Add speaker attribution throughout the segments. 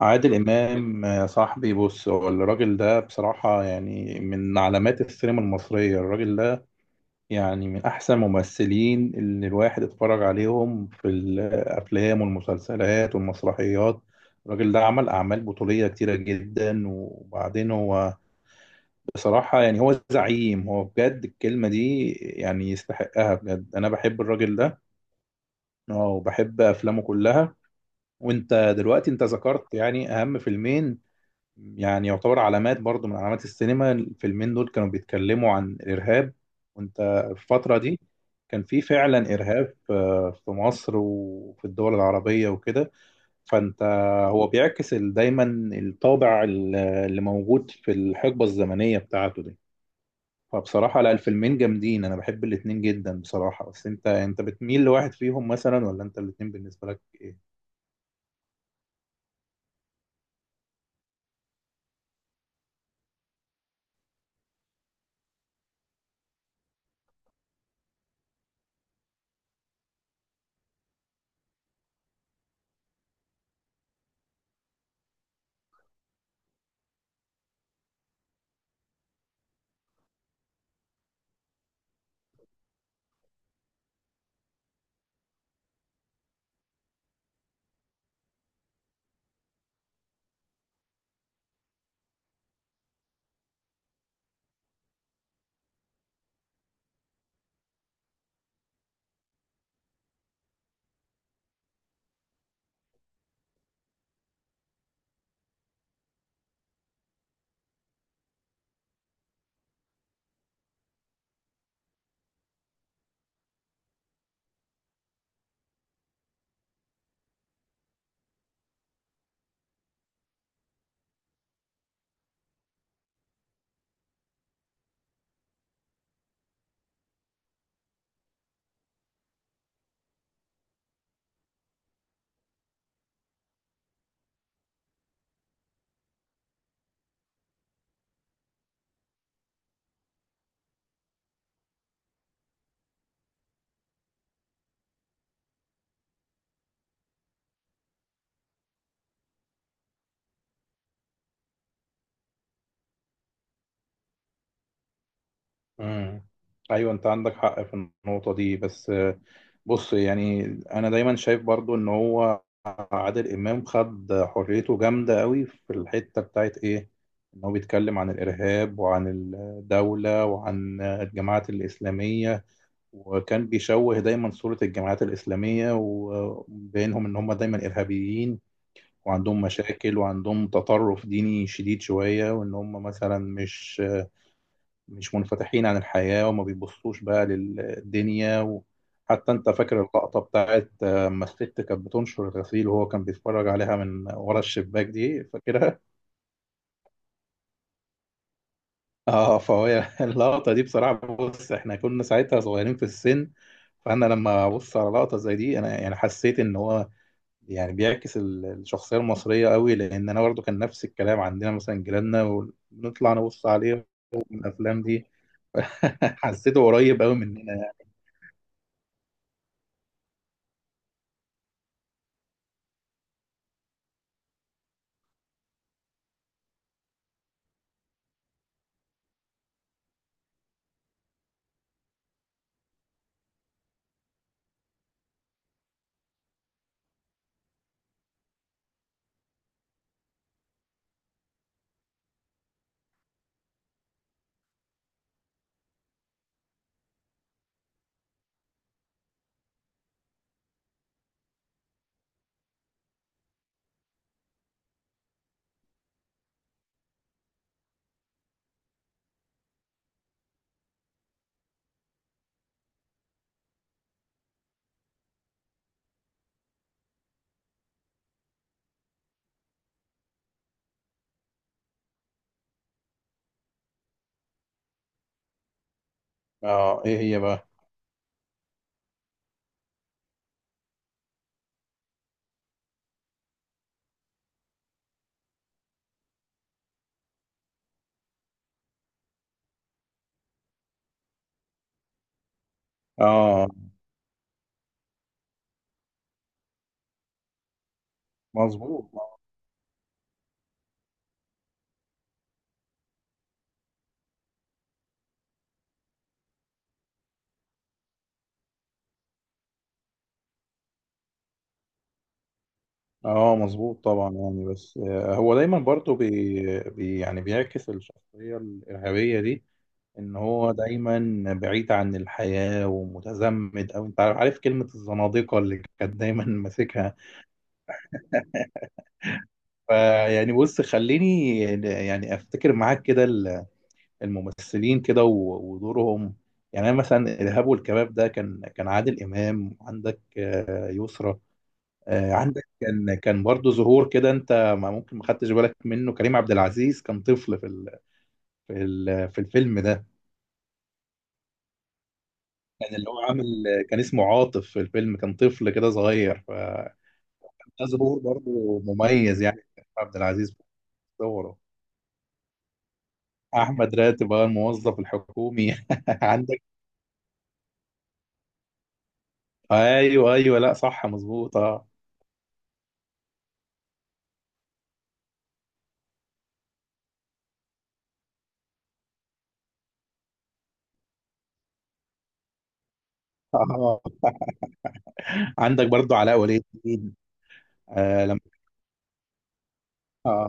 Speaker 1: عادل إمام يا صاحبي، بص، هو الراجل ده بصراحة يعني من علامات السينما المصرية، الراجل ده يعني من أحسن الممثلين اللي الواحد اتفرج عليهم في الأفلام والمسلسلات والمسرحيات. الراجل ده عمل أعمال بطولية كتيرة جدا، وبعدين هو بصراحة يعني هو زعيم، هو بجد الكلمة دي يعني يستحقها بجد، أنا بحب الراجل ده. آه، وبحب أفلامه كلها. وانت دلوقتي انت ذكرت يعني اهم فيلمين، يعني يعتبر علامات برضو من علامات السينما، الفيلمين دول كانوا بيتكلموا عن الإرهاب. وانت في الفترة دي كان في فعلا إرهاب، في مصر وفي الدول العربية وكده. فانت هو بيعكس دايما الطابع اللي موجود في الحقبة الزمنية بتاعته دي. فبصراحة لا، الفيلمين جامدين، أنا بحب الاتنين جدا بصراحة. بس انت بتميل لواحد فيهم مثلا، ولا انت الاتنين بالنسبة لك؟ مم. ايوه، انت عندك حق في النقطه دي. بس بص يعني انا دايما شايف برضو ان هو عادل امام خد حريته جامده قوي في الحته بتاعت ايه، ان هو بيتكلم عن الارهاب وعن الدوله وعن الجماعات الاسلاميه. وكان بيشوه دايما صوره الجماعات الاسلاميه، وبينهم ان هم دايما ارهابيين وعندهم مشاكل وعندهم تطرف ديني شديد شويه، وان هم مثلا مش منفتحين عن الحياة وما بيبصوش بقى للدنيا. وحتى انت فاكر اللقطة بتاعت لما الست كانت بتنشر الغسيل وهو كان بيتفرج عليها من ورا الشباك دي، فاكرها؟ اه، فهي اللقطة دي بصراحة، بص احنا كنا ساعتها صغيرين في السن، فانا لما ابص على لقطة زي دي انا يعني حسيت ان هو يعني بيعكس الشخصية المصرية قوي، لان انا برضو كان نفس الكلام عندنا، مثلا جيراننا، ونطلع نبص عليهم من الافلام دي. حسيته قريب قوي مننا. اه، ايه هي بقى؟ اه، مظبوط. اه، مظبوط طبعا يعني. بس هو دايما برضو بي بي يعني بيعكس الشخصية الإرهابية دي، ان هو دايما بعيد عن الحياة ومتزمت، او انت عارف كلمة الزنادقة اللي كانت دايما ماسكها. فيعني، بص خليني يعني افتكر معاك كده الممثلين كده ودورهم. يعني أنا مثلا الإرهاب والكباب ده، كان عادل إمام، عندك يسرا. عندك كان برضه ظهور كده، انت ما ممكن ما خدتش بالك منه، كريم عبد العزيز كان طفل في الفيلم ده. كان اللي هو عامل، كان اسمه عاطف في الفيلم، كان طفل كده صغير، فكان ده ظهور برضه مميز يعني كريم عبد العزيز في دوره. احمد راتب بقى الموظف الحكومي. عندك، ايوه ايوه، لا صح، مظبوط، اه. آه، عندك برضه علاء ولي الدين. آه لما آه.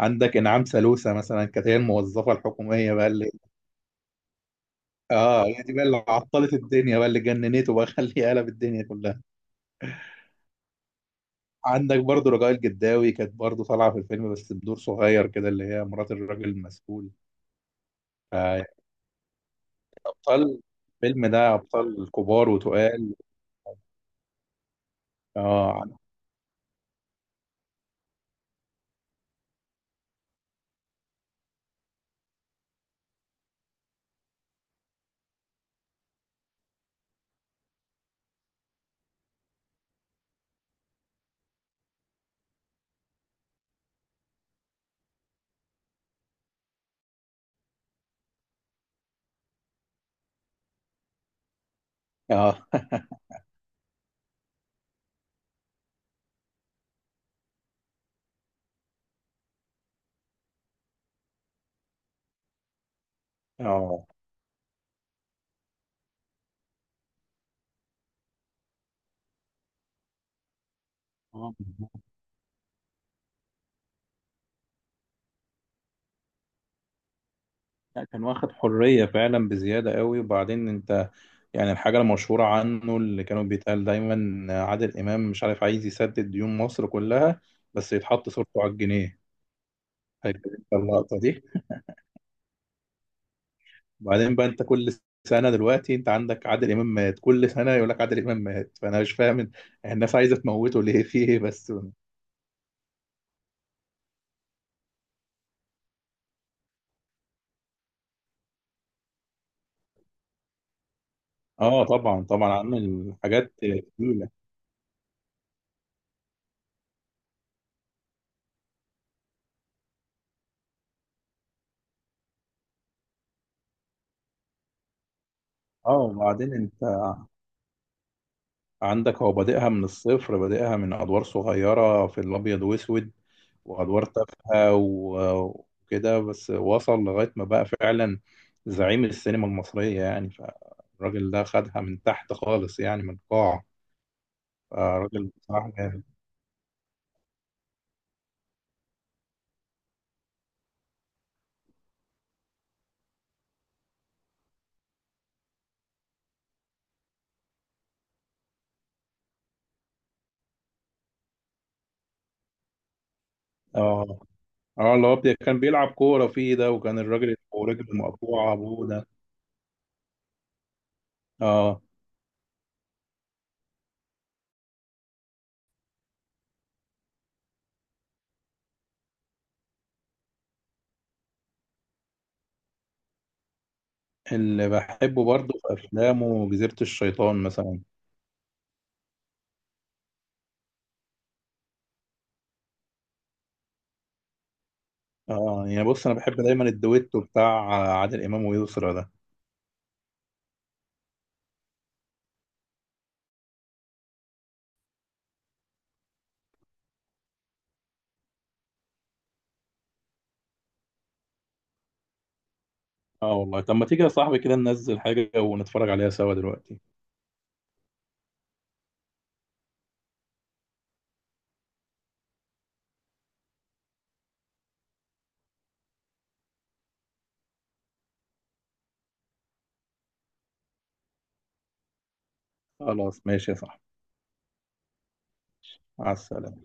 Speaker 1: عندك انعام سالوسة مثلا كانت هي الموظفه الحكوميه بقى اللي، اه هي دي بقى اللي عطلت الدنيا بقى اللي جننته بقى، خليه قلب الدنيا كلها. عندك برضو رجاء الجداوي، كانت برضو طالعه في الفيلم بس بدور صغير كده، اللي هي مرات الراجل المسؤول. آه. ابطال الفيلم ده ابطال كبار وتقال. اه، اه، اه. آه، بالظبط. لا، كان واخد حريه فعلا بزياده قوي. وبعدين انت يعني الحاجه المشهوره عنه اللي كانوا بيتقال دايما، عادل امام مش عارف عايز يسدد ديون مصر كلها بس يتحط صورته على الجنيه. فاكر انت اللقطه دي؟ وبعدين بقى، انت كل سنه دلوقتي انت عندك عادل امام مات، كل سنه يقول لك عادل امام مات، فانا مش فاهم الناس عايزه تموته ليه، في ايه بس؟ اه، طبعا طبعا عامل حاجات تقيله. اه، وبعدين انت عندك هو بادئها من الصفر، بادئها من ادوار صغيره في الابيض واسود، وادوار تافهه وكده، بس وصل لغايه ما بقى فعلا زعيم السينما المصريه يعني، فالراجل ده خدها من تحت خالص يعني من القاع. فالراجل بصراحه جامد. اه. اه، اللي هو كان بيلعب كورة فيه ده، وكان الراجل ورجله مقطوعة أبوه ده. اه، اللي بحبه برضه في أفلامه جزيرة الشيطان مثلا. اه، يعني بص أنا بحب دايما الدويتو بتاع عادل إمام ويسرا ده. اه والله، طب ما تيجي يا صاحبي كده ننزل حاجة ونتفرج عليها سوا دلوقتي؟ خلاص ماشي يا صاحبي. مع السلامة.